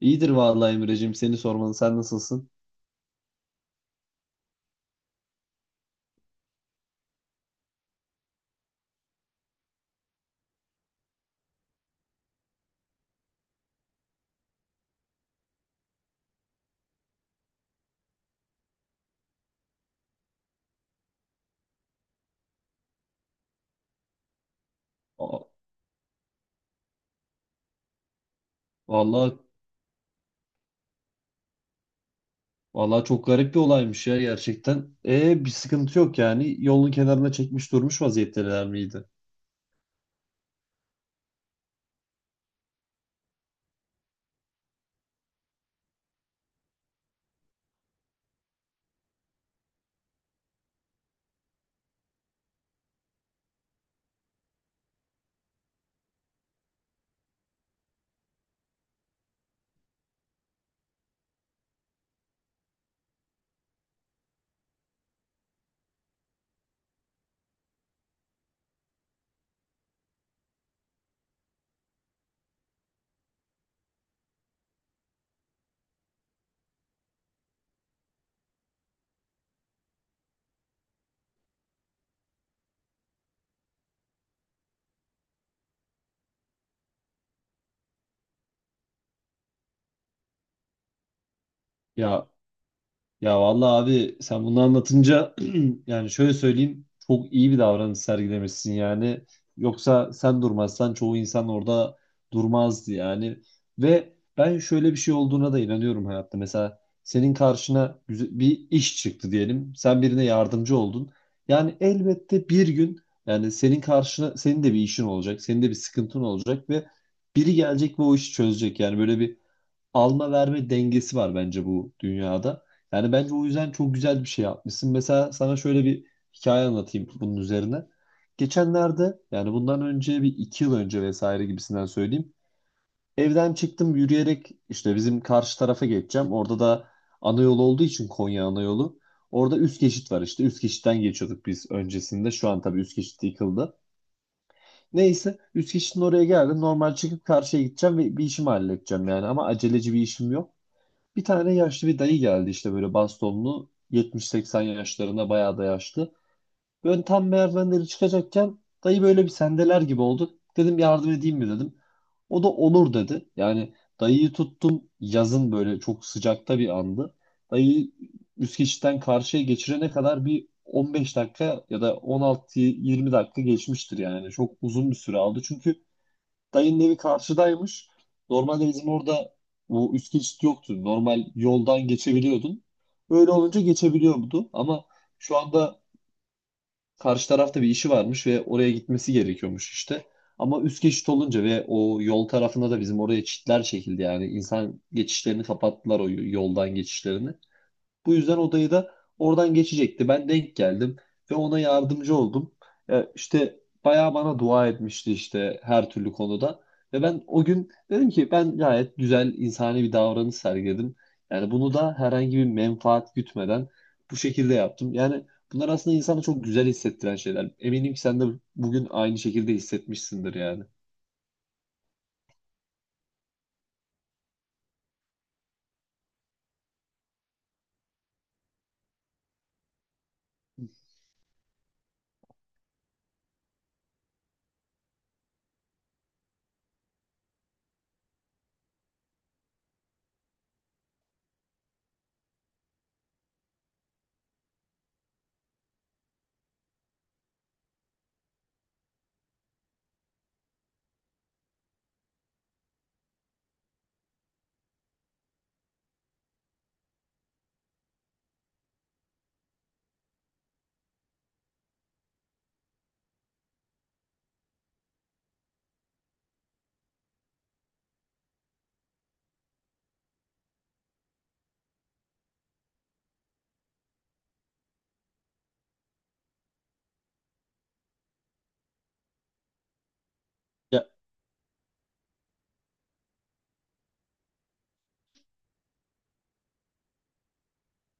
İyidir vallahi Emre'cim seni sormalı. Sen nasılsın? Aa, vallahi vallahi çok garip bir olaymış ya gerçekten. E, bir sıkıntı yok yani. Yolun kenarına çekmiş durmuş vaziyetteler miydi? Ya, ya vallahi abi sen bunu anlatınca yani şöyle söyleyeyim, çok iyi bir davranış sergilemişsin yani. Yoksa sen durmazsan çoğu insan orada durmazdı yani. Ve ben şöyle bir şey olduğuna da inanıyorum hayatta. Mesela senin karşına bir iş çıktı diyelim. Sen birine yardımcı oldun. Yani elbette bir gün, yani senin karşına senin de bir işin olacak. Senin de bir sıkıntın olacak ve biri gelecek ve o işi çözecek. Yani böyle bir alma verme dengesi var bence bu dünyada. Yani bence o yüzden çok güzel bir şey yapmışsın. Mesela sana şöyle bir hikaye anlatayım bunun üzerine. Geçenlerde, yani bundan önce bir iki yıl önce vesaire gibisinden söyleyeyim. Evden çıktım yürüyerek, işte bizim karşı tarafa geçeceğim. Orada da ana yol olduğu için, Konya ana yolu. Orada üst geçit var işte. Üst geçitten geçiyorduk biz öncesinde. Şu an tabii üst geçit yıkıldı. Neyse, üst geçitin oraya geldim. Normal çıkıp karşıya gideceğim ve bir işimi halledeceğim yani. Ama aceleci bir işim yok. Bir tane yaşlı bir dayı geldi, işte böyle bastonlu, 70-80 yaşlarında, bayağı da yaşlı. Böyle tam merdivenleri çıkacakken dayı böyle bir sendeler gibi oldu. Dedim yardım edeyim mi dedim. O da olur dedi. Yani dayıyı tuttum, yazın böyle çok sıcakta bir andı. Dayıyı üst geçitten karşıya geçirene kadar bir 15 dakika ya da 16-20 dakika geçmiştir yani. Çok uzun bir süre aldı. Çünkü dayının evi karşıdaymış. Normalde bizim orada bu üst geçit yoktu. Normal yoldan geçebiliyordun. Öyle olunca geçebiliyordu. Ama şu anda karşı tarafta bir işi varmış ve oraya gitmesi gerekiyormuş işte. Ama üst geçit olunca ve o yol tarafında da bizim oraya çitler çekildi yani. İnsan geçişlerini kapattılar, o yoldan geçişlerini. Bu yüzden odayı da oradan geçecekti. Ben denk geldim ve ona yardımcı oldum. E, işte bayağı bana dua etmişti işte, her türlü konuda. Ve ben o gün dedim ki ben gayet güzel insani bir davranış sergiledim. Yani bunu da herhangi bir menfaat gütmeden bu şekilde yaptım. Yani bunlar aslında insanı çok güzel hissettiren şeyler. Eminim ki sen de bugün aynı şekilde hissetmişsindir yani.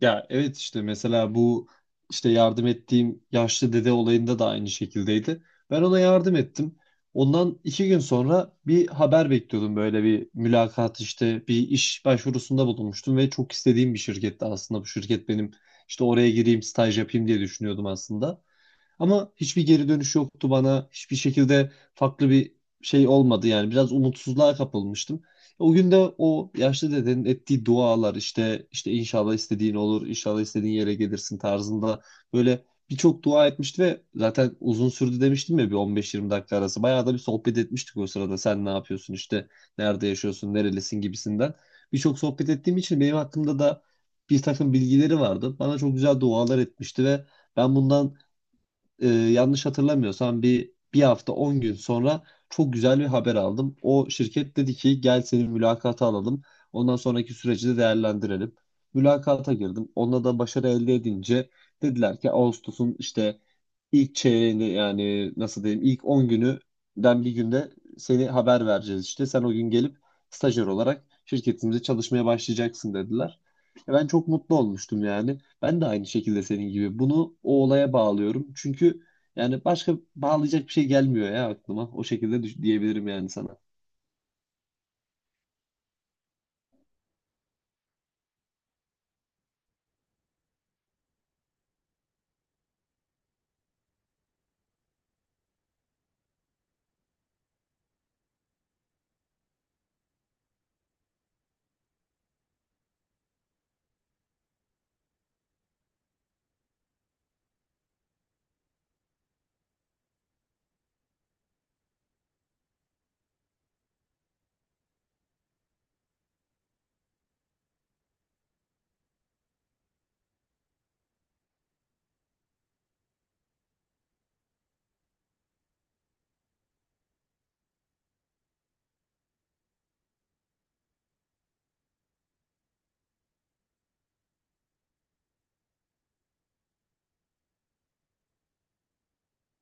Ya evet, işte mesela bu işte yardım ettiğim yaşlı dede olayında da aynı şekildeydi. Ben ona yardım ettim. Ondan 2 gün sonra bir haber bekliyordum, böyle bir mülakat, işte bir iş başvurusunda bulunmuştum ve çok istediğim bir şirketti aslında bu şirket benim, işte oraya gireyim staj yapayım diye düşünüyordum aslında. Ama hiçbir geri dönüş yoktu bana. Hiçbir şekilde farklı bir şey olmadı yani. Biraz umutsuzluğa kapılmıştım. O gün de o yaşlı dedenin ettiği dualar, işte inşallah istediğin olur, inşallah istediğin yere gelirsin tarzında böyle birçok dua etmişti ve zaten uzun sürdü demiştim ya, bir 15-20 dakika arası. Bayağı da bir sohbet etmiştik o sırada. Sen ne yapıyorsun işte, nerede yaşıyorsun, nerelisin gibisinden. Birçok sohbet ettiğim için benim hakkımda da bir takım bilgileri vardı. Bana çok güzel dualar etmişti ve ben bundan yanlış hatırlamıyorsam bir hafta 10 gün sonra çok güzel bir haber aldım. O şirket dedi ki gel seni mülakata alalım. Ondan sonraki süreci de değerlendirelim. Mülakata girdim. Onda da başarı elde edince dediler ki Ağustos'un işte İlk çeyreğinde, yani nasıl diyeyim, ilk 10 günüden bir günde seni haber vereceğiz işte. Sen o gün gelip stajyer olarak şirketimize çalışmaya başlayacaksın dediler. E, ben çok mutlu olmuştum yani. Ben de aynı şekilde senin gibi. Bunu o olaya bağlıyorum. Çünkü yani başka bağlayacak bir şey gelmiyor ya aklıma. O şekilde diyebilirim yani sana.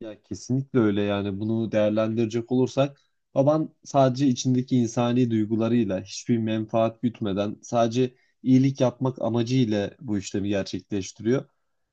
Ya kesinlikle öyle, yani bunu değerlendirecek olursak baban sadece içindeki insani duygularıyla hiçbir menfaat gütmeden, sadece iyilik yapmak amacıyla bu işlemi gerçekleştiriyor.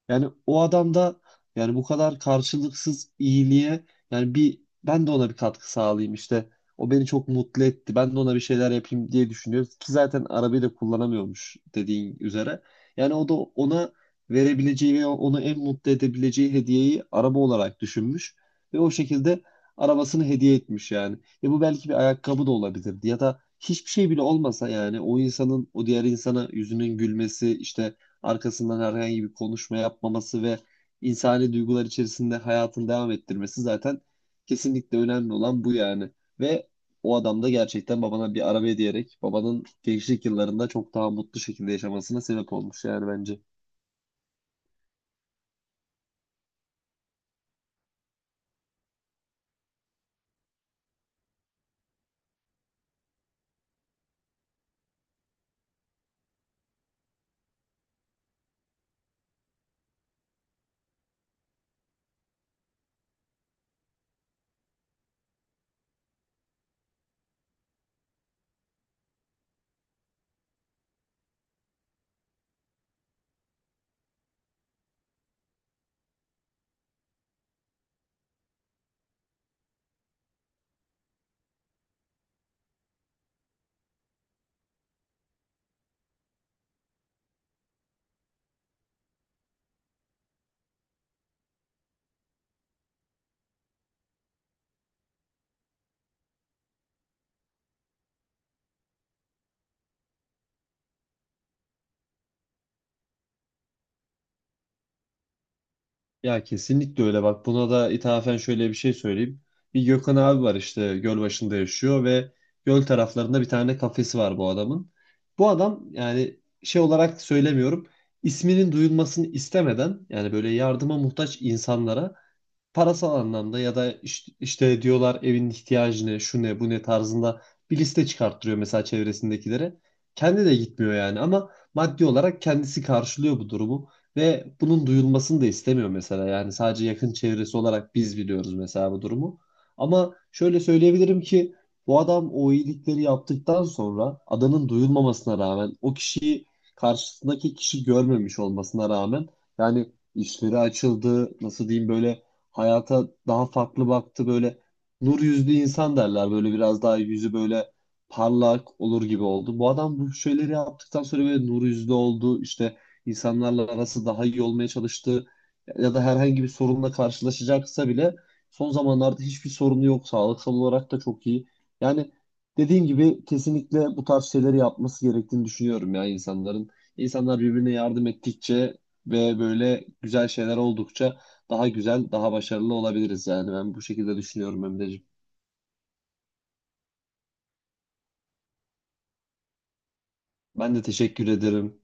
Yani o adam da, yani bu kadar karşılıksız iyiliğe, yani bir ben de ona bir katkı sağlayayım işte, o beni çok mutlu etti, ben de ona bir şeyler yapayım diye düşünüyor ki zaten arabayı da kullanamıyormuş dediğin üzere. Yani o da ona verebileceği ve onu en mutlu edebileceği hediyeyi araba olarak düşünmüş ve o şekilde arabasını hediye etmiş yani. Ve bu belki bir ayakkabı da olabilirdi ya da hiçbir şey bile olmasa yani, o insanın o diğer insana yüzünün gülmesi işte, arkasından herhangi bir konuşma yapmaması ve insani duygular içerisinde hayatını devam ettirmesi zaten kesinlikle önemli olan bu yani. Ve o adam da gerçekten babana bir araba hediye, babanın gençlik yıllarında çok daha mutlu şekilde yaşamasına sebep olmuş yani bence. Ya kesinlikle öyle, bak buna da ithafen şöyle bir şey söyleyeyim. Bir Gökhan abi var, işte göl başında yaşıyor ve göl taraflarında bir tane kafesi var bu adamın. Bu adam, yani şey olarak söylemiyorum, isminin duyulmasını istemeden yani, böyle yardıma muhtaç insanlara parasal anlamda, ya da işte diyorlar evin ihtiyacı ne, şu ne, bu ne tarzında bir liste çıkarttırıyor mesela çevresindekilere. Kendi de gitmiyor yani ama maddi olarak kendisi karşılıyor bu durumu ve bunun duyulmasını da istemiyor mesela. Yani sadece yakın çevresi olarak biz biliyoruz mesela bu durumu. Ama şöyle söyleyebilirim ki bu adam o iyilikleri yaptıktan sonra, adanın duyulmamasına rağmen, o kişiyi karşısındaki kişi görmemiş olmasına rağmen, yani işleri açıldı, nasıl diyeyim, böyle hayata daha farklı baktı, böyle nur yüzlü insan derler, böyle biraz daha yüzü böyle parlak olur gibi oldu. Bu adam bu şeyleri yaptıktan sonra böyle nur yüzlü oldu işte, insanlarla arası daha iyi olmaya çalıştı ya da herhangi bir sorunla karşılaşacaksa bile son zamanlarda hiçbir sorunu yok, sağlıksal olarak da çok iyi. Yani dediğim gibi kesinlikle bu tarz şeyleri yapması gerektiğini düşünüyorum ya insanların. İnsanlar birbirine yardım ettikçe ve böyle güzel şeyler oldukça daha güzel, daha başarılı olabiliriz yani. Ben bu şekilde düşünüyorum Emre'ciğim. Ben de teşekkür ederim.